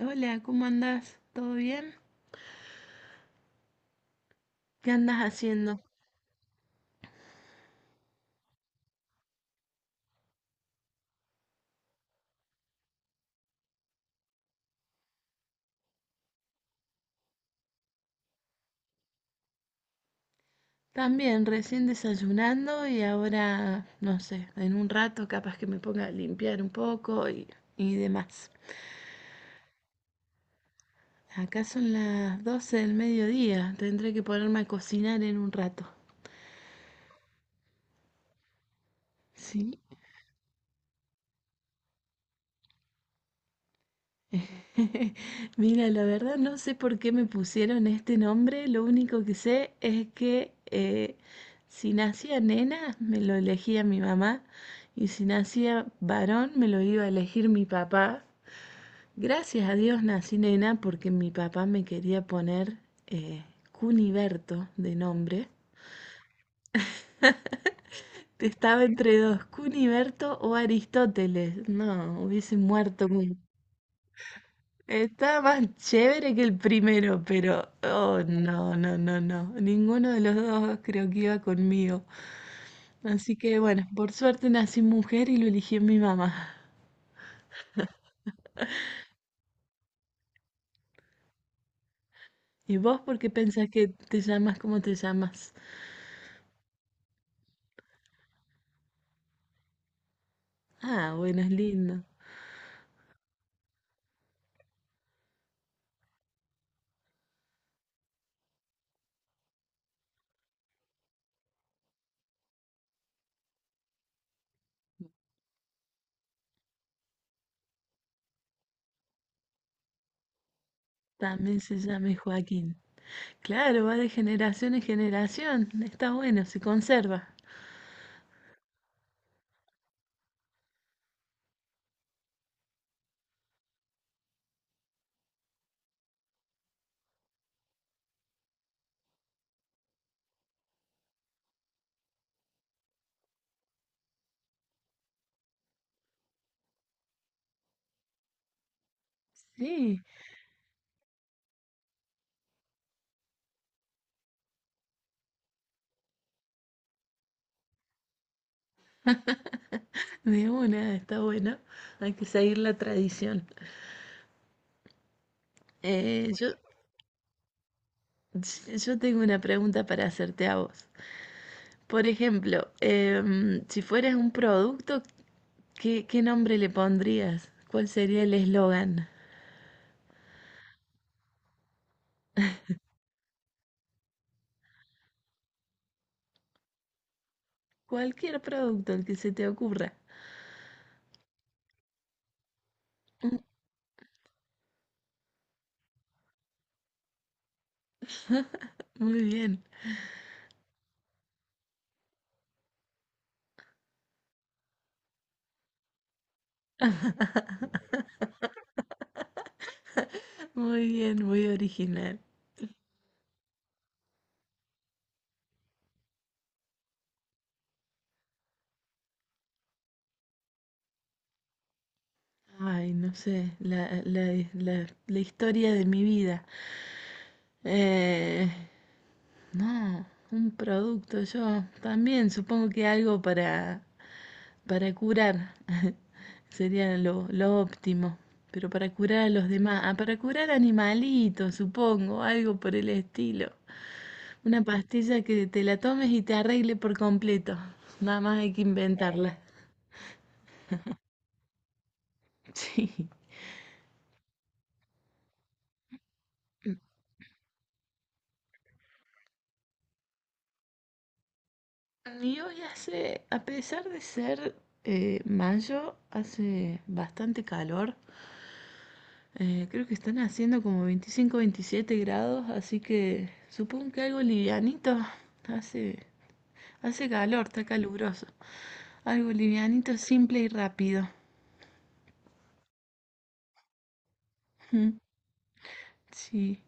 Hola, ¿cómo andás? ¿Todo bien? ¿Qué andas haciendo? También, recién desayunando y ahora, no sé, en un rato capaz que me ponga a limpiar un poco y demás. Acá son las 12 del mediodía, tendré que ponerme a cocinar en un rato. Sí, mira, la verdad no sé por qué me pusieron este nombre, lo único que sé es que si nacía nena me lo elegía mi mamá y si nacía varón me lo iba a elegir mi papá. Gracias a Dios nací nena porque mi papá me quería poner eh, Cuniberto de nombre. Estaba entre dos, Cuniberto o Aristóteles. No, hubiese muerto. Está más chévere que el primero, pero oh no, no, no, no. Ninguno de los dos creo que iba conmigo. Así que bueno, por suerte nací mujer y lo eligió mi mamá. ¿Y vos por qué pensás que te llamas como te llamas? Ah, bueno, es lindo. También se llama Joaquín. Claro, va de generación en generación. Está bueno, se conserva. Sí, de una, está bueno. Hay que seguir la tradición. Eh, yo, Yo tengo una pregunta para hacerte a vos. Por ejemplo, si fueras un producto, ¿qué nombre le pondrías? ¿Cuál sería el eslogan? Cualquier producto, el que se te ocurra. Mm, muy bien, muy bien, muy original. Ay, no sé, la historia de mi vida. Eh, no, un producto, yo también supongo que algo para curar. Sería lo óptimo. Pero para curar a los demás. Ah, para curar animalitos, supongo, algo por el estilo. Una pastilla que te la tomes y te arregle por completo. Nada más hay que inventarla. Sí. Y hoy hace, a pesar de ser mayo, hace bastante calor. Creo que están haciendo como 25 27 grados, así que supongo que algo livianito. Hace Hace calor, está caluroso. Algo livianito, simple y rápido. Mm, sí.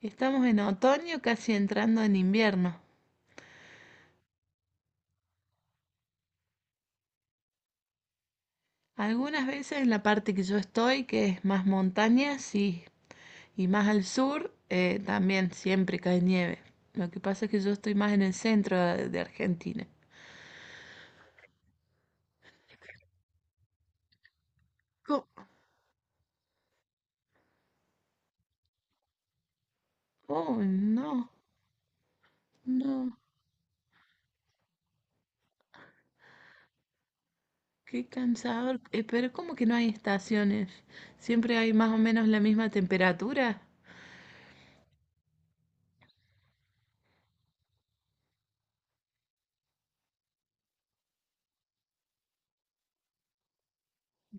Estamos en otoño, casi entrando en invierno. Algunas veces en la parte que yo estoy, que es más montaña, sí. Y más al sur, también siempre cae nieve. Lo que pasa es que yo estoy más en el centro de Argentina. Co- Oh, no, no. Qué cansador. Pero ¿cómo que no hay estaciones? ¿Siempre hay más o menos la misma temperatura?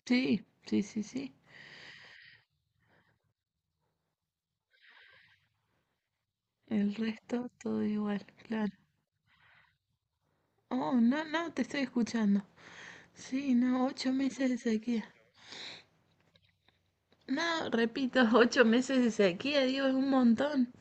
Sí, sí, sí, sí. El resto todo igual, claro. Oh, no, no, te estoy escuchando. Sí, no, 8 meses de sequía. No, repito, 8 meses de sequía, digo, es un montón.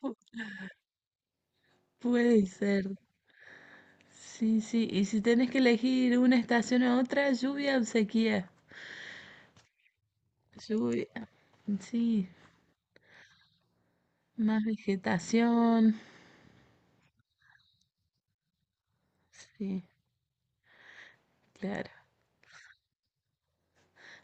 Pu- puede ser. Sí, sí, y si tenés que elegir una estación a otra, lluvia o sequía. Lluvia, sí, más vegetación. Sí, claro.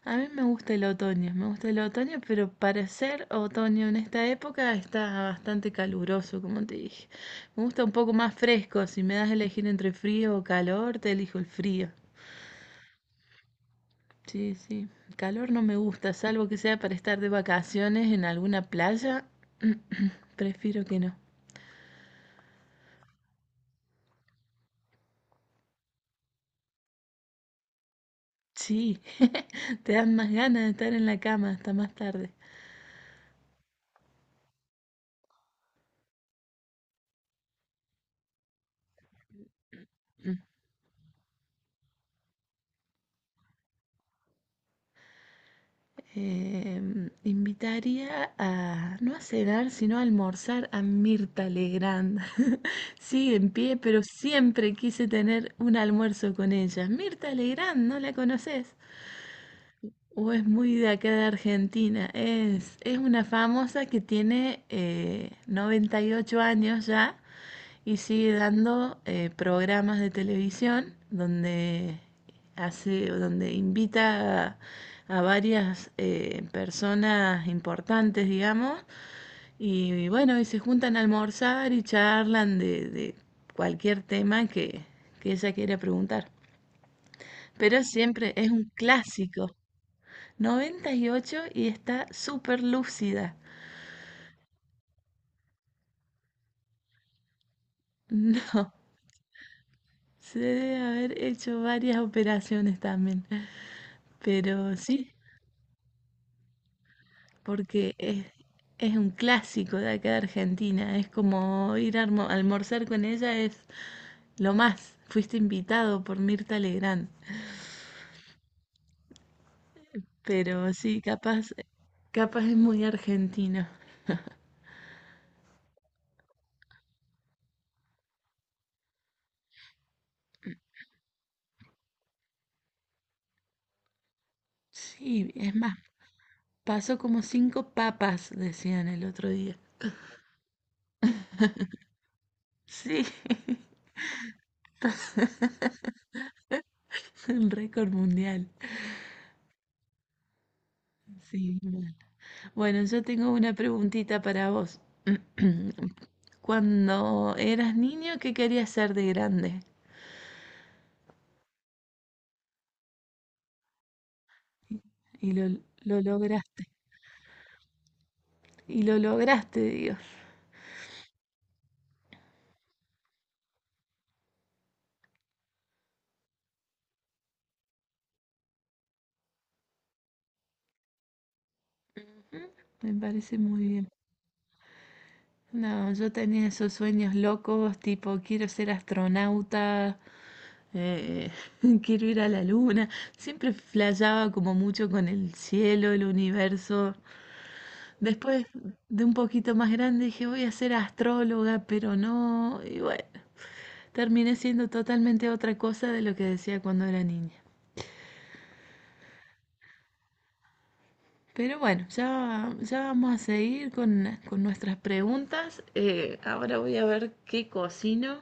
A mí me gusta el otoño, me gusta el otoño, pero para ser otoño en esta época está bastante caluroso, como te dije. Me gusta un poco más fresco, si me das a elegir entre frío o calor, te elijo el frío. Sí, sí, el calor no me gusta, salvo que sea para estar de vacaciones en alguna playa, prefiero que no. Sí, te dan más ganas de estar en la cama hasta más tarde. Invitaría a, no a cenar, sino a almorzar a Mirta Legrand. Sigue en pie, pero siempre quise tener un almuerzo con ella. Mirta Legrand, ¿no la conoces? O es muy de acá de Argentina. Es una famosa que tiene 98 años ya y sigue dando programas de televisión donde invita a varias personas importantes, digamos, y bueno, y se juntan a almorzar y charlan de cualquier tema que ella quiera preguntar. Pero siempre es un clásico. 98 y está súper lúcida. No, se debe haber hecho varias operaciones también. Pero sí, porque es un clásico de acá de Argentina. Es como ir a almorzar con ella es lo más. Fuiste invitado por Mirta Legrand. Pero sí, capaz es muy argentino. Sí, es más, pasó como cinco papas, decían el otro día. Sí, un récord mundial. Sí, bueno. Bueno, yo tengo una preguntita para vos. Cuando eras niño, ¿qué querías ser de grande? Y lo lograste. Y lo lograste, Dios. Me parece muy bien. No, yo tenía esos sueños locos, tipo, quiero ser astronauta, eh, quiero ir a la luna. Siempre flasheaba como mucho con el cielo, el universo. Después de un poquito más grande dije, voy a ser astróloga, pero no. Y bueno, terminé siendo totalmente otra cosa de lo que decía cuando era niña. Pero bueno, ya, ya vamos a seguir con nuestras preguntas. Ahora voy a ver qué cocino.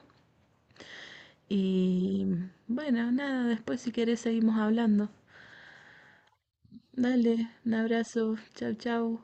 Y bueno, nada, después si querés seguimos hablando. Dale, un abrazo. Chau, chau.